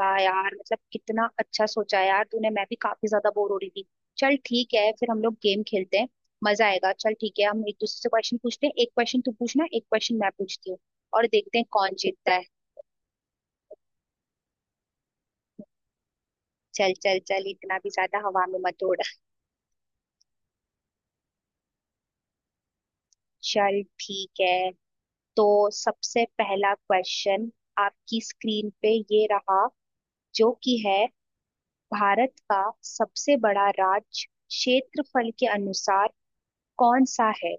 वाह यार मतलब कितना अच्छा सोचा है यार तूने। मैं भी काफी ज्यादा बोर हो रही थी। चल ठीक है फिर हम लोग गेम खेलते हैं। मजा आएगा। चल ठीक है हम एक दूसरे से क्वेश्चन पूछते हैं। एक क्वेश्चन तू पूछना एक क्वेश्चन मैं पूछती हूँ और देखते हैं कौन जीतता है। चल चल चल इतना भी ज्यादा हवा में मत उड़। चल ठीक है तो सबसे पहला क्वेश्चन आपकी स्क्रीन पे ये रहा, जो कि है भारत का सबसे बड़ा राज्य क्षेत्रफल के अनुसार कौन सा है।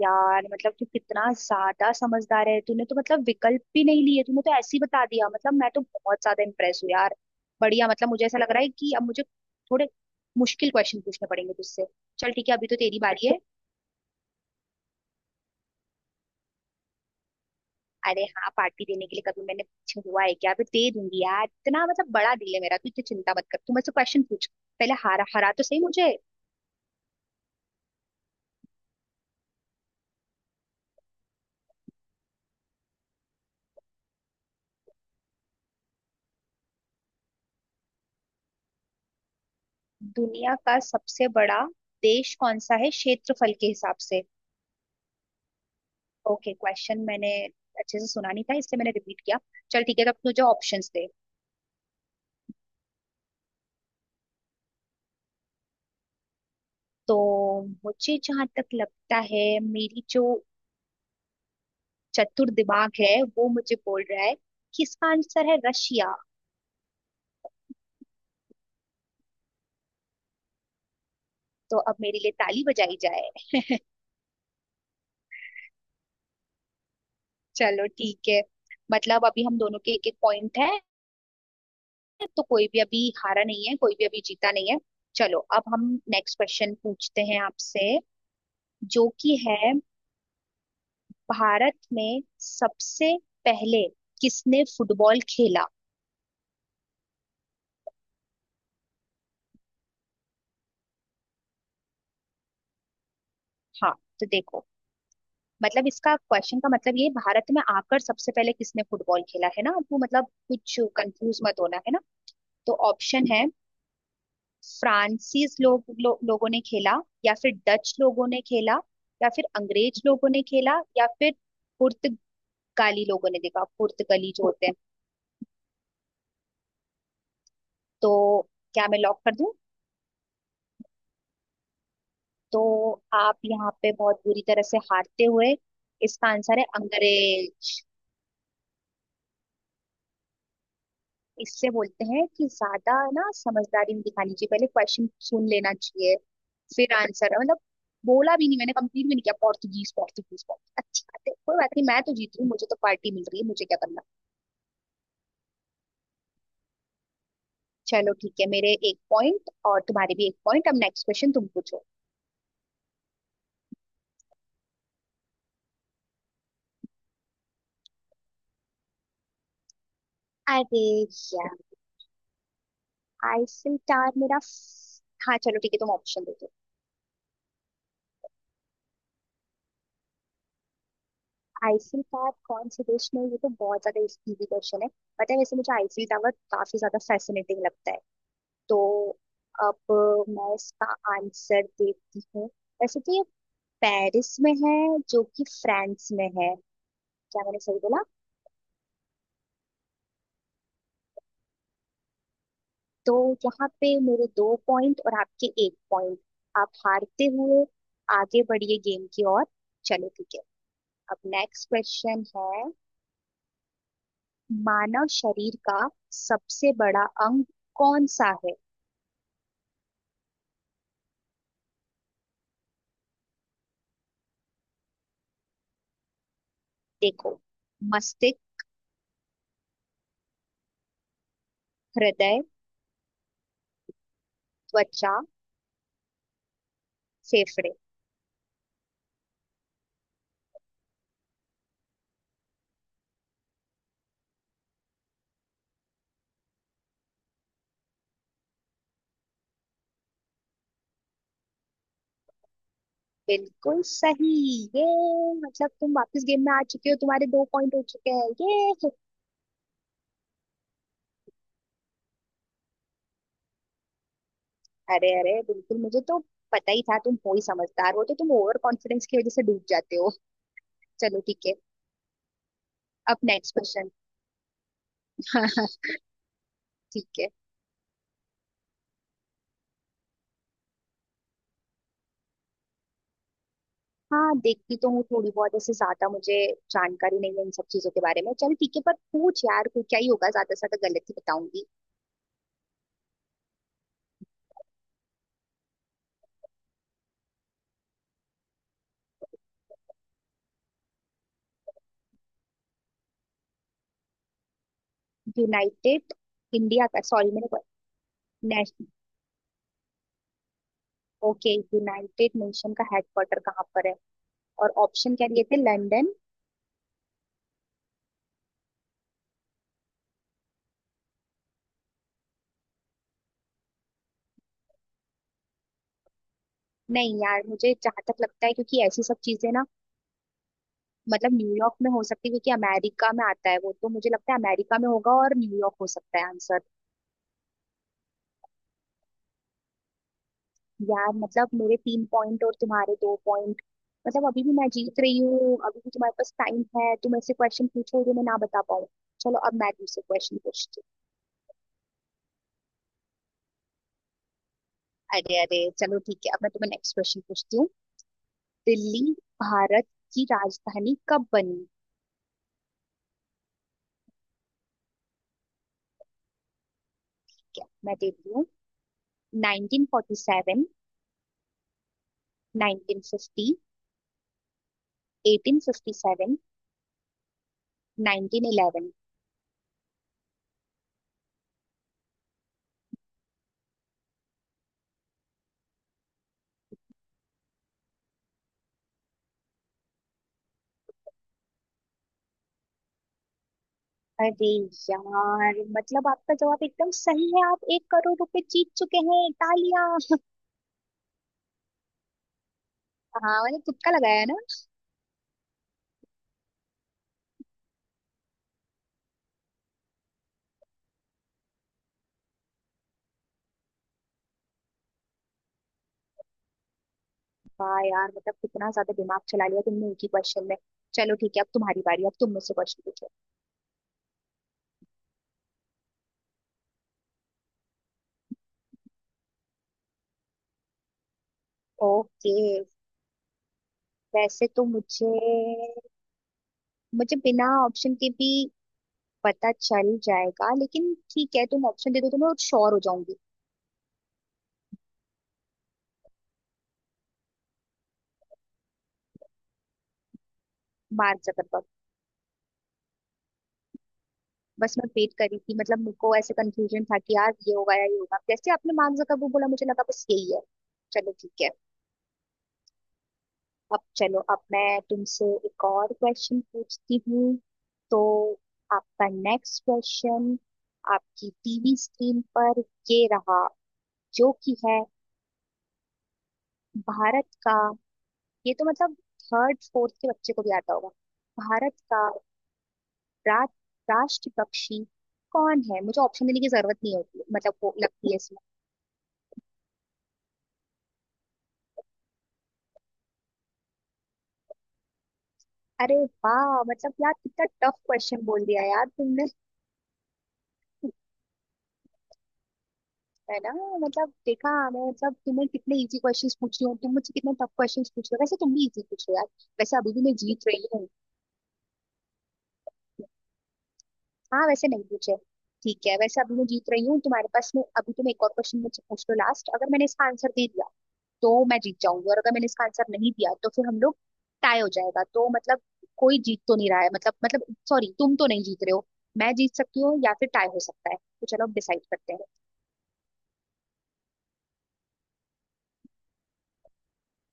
यार मतलब तू कितना ज्यादा समझदार है। तूने तो मतलब विकल्प भी नहीं लिए, तूने तो ऐसे ही बता दिया। मतलब मैं तो बहुत ज्यादा इम्प्रेस हूँ यार। बढ़िया। मतलब मुझे ऐसा लग रहा है कि अब मुझे थोड़े मुश्किल क्वेश्चन पूछने पड़ेंगे तुझसे। चल ठीक है अभी तो तेरी बारी है। अरे हाँ, पार्टी देने के लिए कभी मैंने पीछे हुआ है क्या। अभी दे दूंगी यार। इतना मतलब बड़ा दिल है मेरा। तू इतनी चिंता मत कर, तू मुझसे क्वेश्चन पूछ। पहले हारा हरा तो सही मुझे। दुनिया का सबसे बड़ा देश कौन सा है क्षेत्रफल के हिसाब से। ओके, क्वेश्चन मैंने अच्छे से सुना नहीं था इसलिए मैंने रिपीट किया। चल ठीक है तो अब मुझे ऑप्शंस दे। तो मुझे जहां तक लगता है, मेरी जो चतुर दिमाग है वो मुझे बोल रहा है कि इसका आंसर है रशिया। तो अब मेरे लिए ताली बजाई जाए। चलो ठीक है, मतलब अभी हम दोनों के एक एक पॉइंट है। तो कोई भी अभी हारा नहीं है, कोई भी अभी जीता नहीं है। चलो अब हम नेक्स्ट क्वेश्चन पूछते हैं आपसे, जो कि है भारत में सबसे पहले किसने फुटबॉल खेला। हाँ तो देखो, मतलब इसका क्वेश्चन का मतलब ये है, भारत में आकर सबसे पहले किसने फुटबॉल खेला, है ना। आपको मतलब कुछ कंफ्यूज मत होना, है ना। तो ऑप्शन है, फ्रांसीस लोगों ने खेला या फिर डच लोगों ने खेला या फिर अंग्रेज लोगों ने खेला या फिर पुर्तगाली लोगों ने देखा। पुर्तगाली जो होते हैं। तो क्या मैं लॉक कर दूं। तो आप यहाँ पे बहुत बुरी तरह से हारते हुए, इसका आंसर है अंग्रेज। इससे बोलते हैं कि ज्यादा ना समझदारी नहीं दिखानी चाहिए, पहले क्वेश्चन सुन लेना चाहिए फिर आंसर। मतलब बोला भी नहीं मैंने, कंप्लीट भी नहीं किया, पोर्तुगीज पोर्तुगीज पोर्तुगीज। अच्छी बात है, कोई बात नहीं। मैं तो जीत रही हूँ, मुझे तो पार्टी मिल रही है। मुझे क्या करना। चलो ठीक है, मेरे एक पॉइंट और तुम्हारे भी एक पॉइंट। अब नेक्स्ट क्वेश्चन तुम पूछो। अरे यार, आईफिल टावर मेरा हाँ, चलो ठीक है, तुम ऑप्शन दे दो। आईसीयू का कौन से देश में, ये तो बहुत ज्यादा इजी क्वेश्चन है। पता है, वैसे मुझे आईसीयू टावर काफी ज्यादा फैसिनेटिंग लगता है। तो अब मैं इसका आंसर देती हूँ। वैसे तो ये पेरिस में है, जो कि फ्रांस में है। क्या मैंने सही बोला। तो यहाँ पे मेरे दो पॉइंट और आपके एक पॉइंट। आप हारते हुए आगे बढ़िए गेम की ओर। चलो ठीक है, अब नेक्स्ट क्वेश्चन है, मानव शरीर का सबसे बड़ा अंग कौन सा है। देखो, मस्तिष्क, हृदय, त्वचा, फेफड़े। बिल्कुल सही। ये मतलब तुम वापस गेम में आ चुके हो, तुम्हारे दो पॉइंट हो चुके हैं ये। अरे अरे, बिल्कुल, मुझे तो पता ही था। तुम हो ही समझदार, हो तो तुम, ओवर कॉन्फिडेंस की वजह से डूब जाते हो। चलो ठीक है, अब नेक्स्ट क्वेश्चन ठीक है। हाँ देखती तो हूँ थोड़ी बहुत, ऐसे ज्यादा मुझे जानकारी नहीं है इन सब चीजों के बारे में। चल ठीक है, पर पूछ यार, कोई क्या ही होगा। ज्यादा से ज्यादा गलत ही बताऊंगी। यूनाइटेड इंडिया का, सॉरी, मैंने ओके, यूनाइटेड नेशन का हेडक्वार्टर कहाँ पर है, और ऑप्शन क्या दिए थे, लंदन। नहीं यार, मुझे जहां तक लगता है, क्योंकि ऐसी सब चीजें ना मतलब न्यूयॉर्क में हो सकती है, क्योंकि अमेरिका में आता है वो। तो मुझे लगता है अमेरिका में होगा और न्यूयॉर्क हो सकता है आंसर। यार मतलब मेरे तीन पॉइंट और तुम्हारे दो पॉइंट। मतलब अभी भी मैं जीत रही हूँ। अभी भी तुम्हारे पास टाइम है, तुम ऐसे क्वेश्चन पूछो जो मैं ना बता पाऊँ। चलो अब मैं तुमसे क्वेश्चन पूछती हूँ। अरे अरे चलो ठीक है, अब मैं तुम्हें नेक्स्ट क्वेश्चन पूछती हूँ। दिल्ली भारत की राजधानी कब बनी। क्या, मैं देती हूँ। 1947, 1950, 1857, 1911। अरे यार, मतलब आपका जवाब एकदम सही है। आप 1 करोड़ रुपए जीत चुके हैं। तालियां। हाँ मैंने तुक्का लगाया है ना। वाह यार मतलब कितना ज्यादा दिमाग चला लिया तुमने एक ही क्वेश्चन में। चलो ठीक है अब तुम्हारी बारी, अब तुम मुझसे क्वेश्चन पूछो। ओके, वैसे तो मुझे मुझे बिना ऑप्शन के भी पता चल जाएगा, लेकिन ठीक है तुम ऑप्शन दे दो तो मैं श्योर हो जाऊंगी। Mark Zuckerberg. बस मैं वेट कर रही थी, मतलब मेरे को ऐसे कंफ्यूजन था कि यार ये होगा या ये होगा। जैसे आपने मार्क जकरबर्ग बोला, मुझे लगा बस यही है। चलो ठीक है, अब चलो अब मैं तुमसे एक और क्वेश्चन पूछती हूँ। तो आपका नेक्स्ट क्वेश्चन, आपकी टीवी स्क्रीन पर ये रहा, जो कि है भारत का। ये तो मतलब थर्ड फोर्थ के बच्चे को भी आता होगा। भारत का रा, राष्ट्र पक्षी कौन है। मुझे ऑप्शन देने की जरूरत नहीं, होती मतलब वो लगती है। अरे वाह, मतलब यार कितना टफ क्वेश्चन बोल दिया यार तुमने, है ना। मतलब देखा, मैं मतलब तुम्हें कितने इजी क्वेश्चंस पूछ रही हूँ, तुम मुझसे कितने टफ क्वेश्चंस पूछ रहे हो। वैसे तुम भी इजी पूछ रहे हो यार। वैसे अभी भी मैं जीत रही हूँ। हाँ वैसे नहीं पूछे। ठीक है, वैसे अभी मैं जीत रही हूँ, तुम्हारे पास में अभी, तुम एक और क्वेश्चन मुझसे पूछ लो लास्ट। अगर मैंने इसका आंसर दे दिया तो मैं जीत जाऊंगी, और अगर मैंने इसका आंसर नहीं दिया तो फिर हम लोग टाई हो जाएगा। तो मतलब कोई जीत तो नहीं रहा है, मतलब सॉरी, तुम तो नहीं जीत रहे हो। मैं जीत सकती हूँ या फिर टाई हो सकता है, तो चलो अब डिसाइड करते हैं।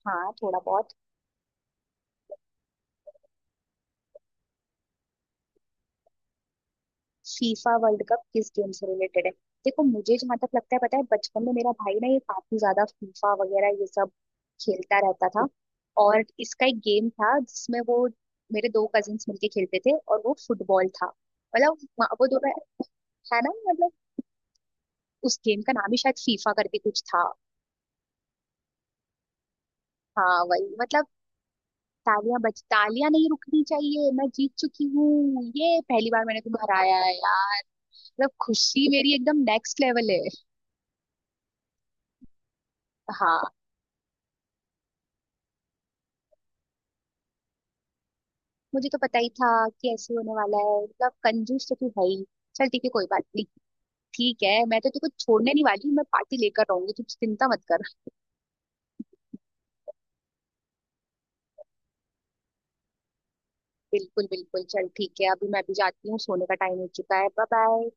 हाँ थोड़ा बहुत। फीफा वर्ल्ड कप किस गेम से रिलेटेड है। देखो, मुझे जहां तक लगता है, पता है बचपन में मेरा भाई ना ये काफी ज्यादा फीफा वगैरह ये सब खेलता रहता था। और इसका एक गेम था जिसमें वो, मेरे दो कजिन्स मिलके खेलते थे, और वो फुटबॉल था। मतलब वो दोनों, है ना। मतलब उस गेम का नाम ही शायद फीफा करके कुछ था। हाँ वही मतलब, तालियां बज, तालियां नहीं रुकनी चाहिए। मैं जीत चुकी हूँ। ये पहली बार मैंने तुम्हें हराया है यार। मतलब खुशी मेरी एकदम नेक्स्ट लेवल है। हाँ, मुझे तो पता ही था कि ऐसे होने वाला है। मतलब कंजूस तो तू है ही। चल ठीक है कोई बात नहीं। ठीक है, मैं तो तुझको छोड़ने नहीं वाली। मैं पार्टी लेकर रहूंगी, तू चिंता मत कर। बिल्कुल बिल्कुल, चल ठीक है अभी मैं भी जाती हूँ, सोने का टाइम हो चुका है। Bye bye.